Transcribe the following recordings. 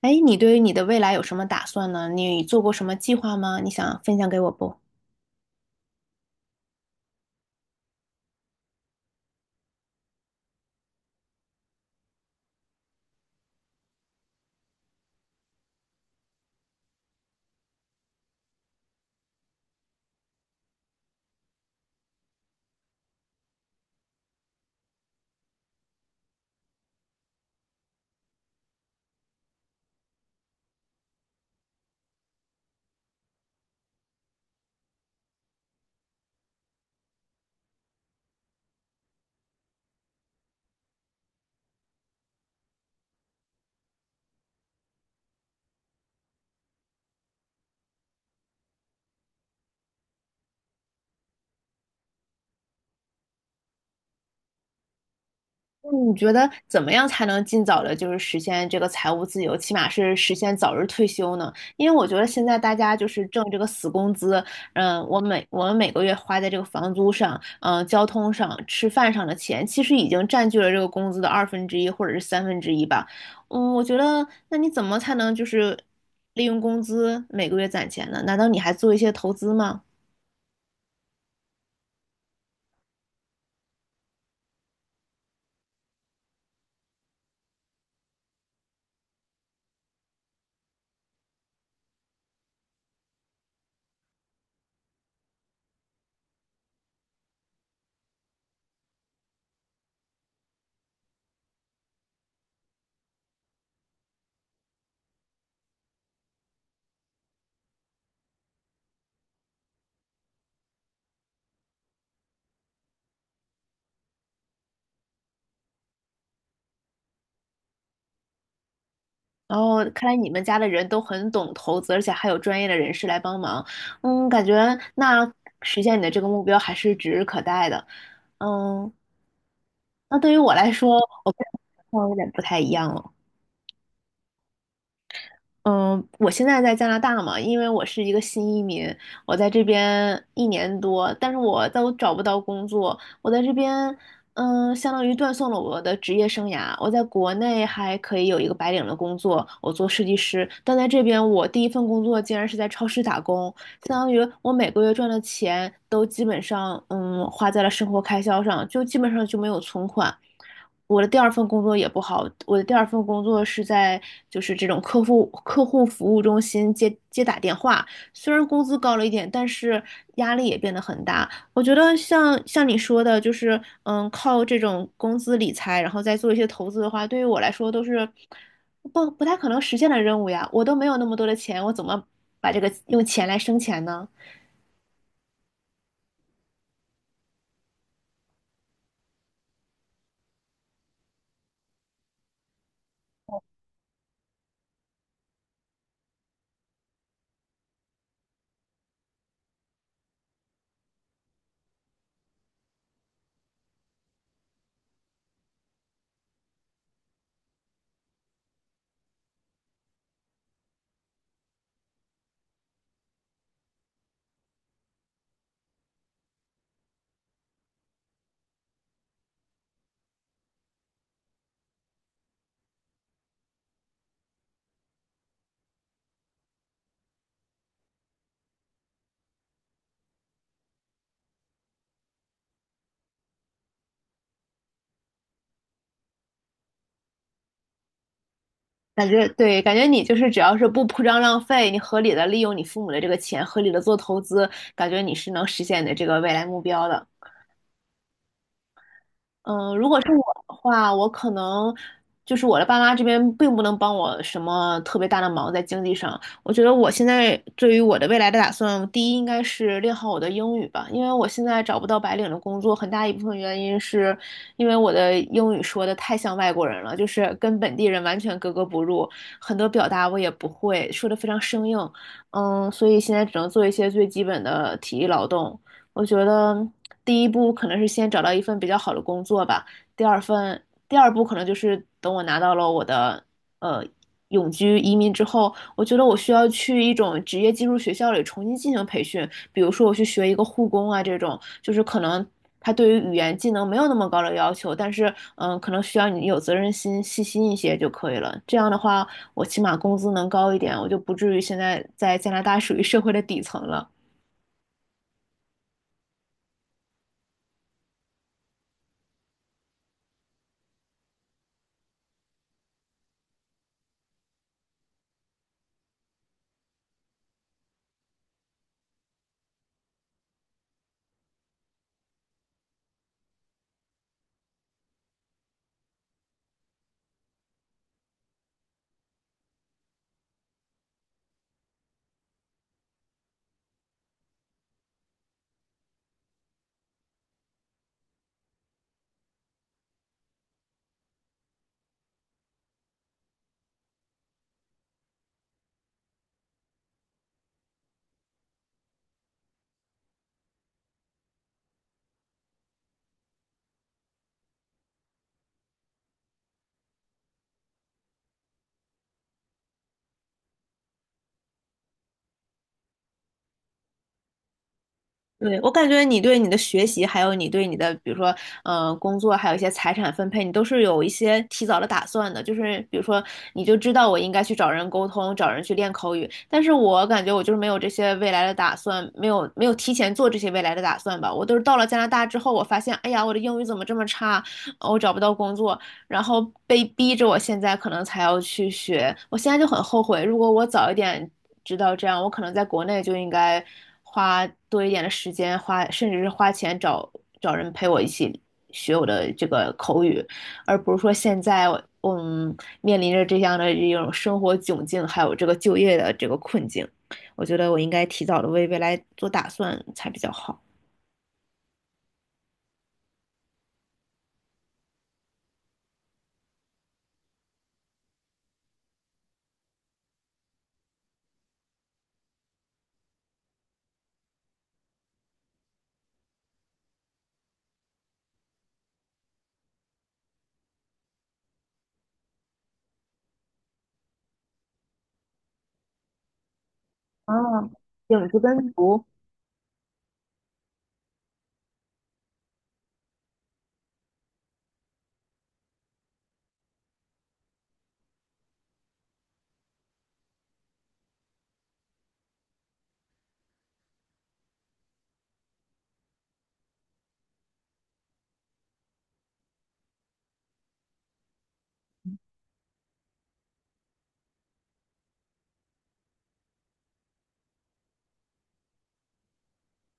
哎，你对于你的未来有什么打算呢？你做过什么计划吗？你想分享给我不？嗯你觉得怎么样才能尽早的，就是实现这个财务自由，起码是实现早日退休呢？因为我觉得现在大家就是挣这个死工资，我们每个月花在这个房租上，交通上、吃饭上的钱，其实已经占据了这个工资的二分之一或者是三分之一吧。我觉得那你怎么才能就是利用工资每个月攒钱呢？难道你还做一些投资吗？然后看来你们家的人都很懂投资，而且还有专业的人士来帮忙。嗯，感觉那实现你的这个目标还是指日可待的。嗯，那对于我来说，我跟情况有点不太一样了。嗯，我现在在加拿大嘛，因为我是一个新移民，我在这边一年多，但是我都找不到工作。我在这边，相当于断送了我的职业生涯。我在国内还可以有一个白领的工作，我做设计师，但在这边，我第一份工作竟然是在超市打工，相当于我每个月赚的钱都基本上，花在了生活开销上，就基本上就没有存款。我的第二份工作也不好，我的第二份工作是在就是这种客户服务中心接打电话，虽然工资高了一点，但是压力也变得很大。我觉得像你说的，就是靠这种工资理财，然后再做一些投资的话，对于我来说都是不太可能实现的任务呀。我都没有那么多的钱，我怎么把这个用钱来生钱呢？感觉对，感觉你就是只要是不铺张浪费，你合理的利用你父母的这个钱，合理的做投资，感觉你是能实现你的这个未来目标的。如果是我的话，我可能就是我的爸妈这边并不能帮我什么特别大的忙在经济上。我觉得我现在对于我的未来的打算，第一应该是练好我的英语吧，因为我现在找不到白领的工作，很大一部分原因是因为我的英语说的太像外国人了，就是跟本地人完全格格不入，很多表达我也不会，说的非常生硬。所以现在只能做一些最基本的体力劳动。我觉得第一步可能是先找到一份比较好的工作吧，第二份，第二步可能就是等我拿到了我的呃永居移民之后，我觉得我需要去一种职业技术学校里重新进行培训，比如说我去学一个护工啊这种，就是可能他对于语言技能没有那么高的要求，但是可能需要你有责任心、细心一些就可以了。这样的话，我起码工资能高一点，我就不至于现在在加拿大属于社会的底层了。对，我感觉你对你的学习，还有你对你的，比如说，工作，还有一些财产分配，你都是有一些提早的打算的。就是比如说，你就知道我应该去找人沟通，找人去练口语。但是我感觉我就是没有这些未来的打算，没有提前做这些未来的打算吧。我都是到了加拿大之后，我发现，哎呀，我的英语怎么这么差？我找不到工作。然后被逼着我现在可能才要去学，我现在就很后悔，如果我早一点知道这样，我可能在国内就应该花多一点的时间，花甚至是花钱找找人陪我一起学我的这个口语，而不是说现在我嗯面临着这样的一种生活窘境，还有这个就业的这个困境，我觉得我应该提早的为未来做打算才比较好。啊，影子跟读，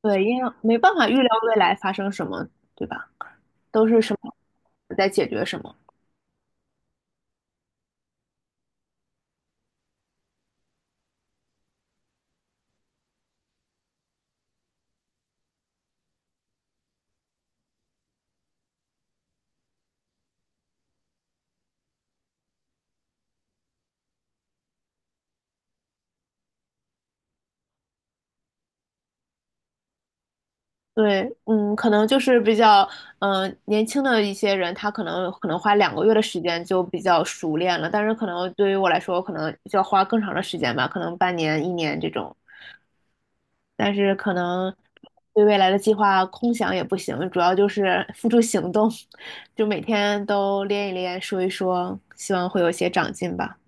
对，因为没办法预料未来发生什么，对吧？都是什么在解决什么。对，可能就是比较，年轻的一些人，他可能花2个月的时间就比较熟练了，但是可能对于我来说，可能就要花更长的时间吧，可能半年、一年这种。但是可能对未来的计划空想也不行，主要就是付诸行动，就每天都练一练，说一说，希望会有一些长进吧。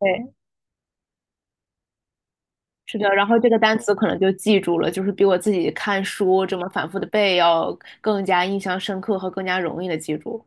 对。是的，然后这个单词可能就记住了，就是比我自己看书这么反复的背要更加印象深刻和更加容易的记住。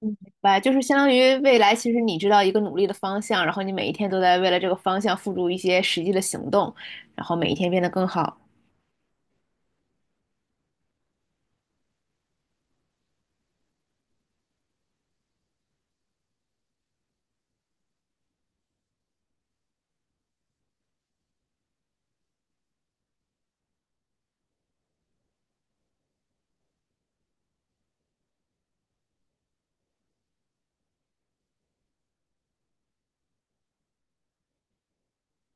嗯，明白，就是相当于未来，其实你知道一个努力的方向，然后你每一天都在为了这个方向付诸一些实际的行动，然后每一天变得更好。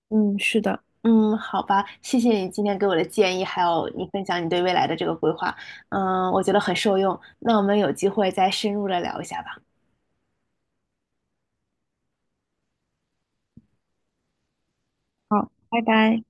嗯，是的，好吧，谢谢你今天给我的建议，还有你分享你对未来的这个规划，我觉得很受用。那我们有机会再深入的聊一下吧。好，拜拜。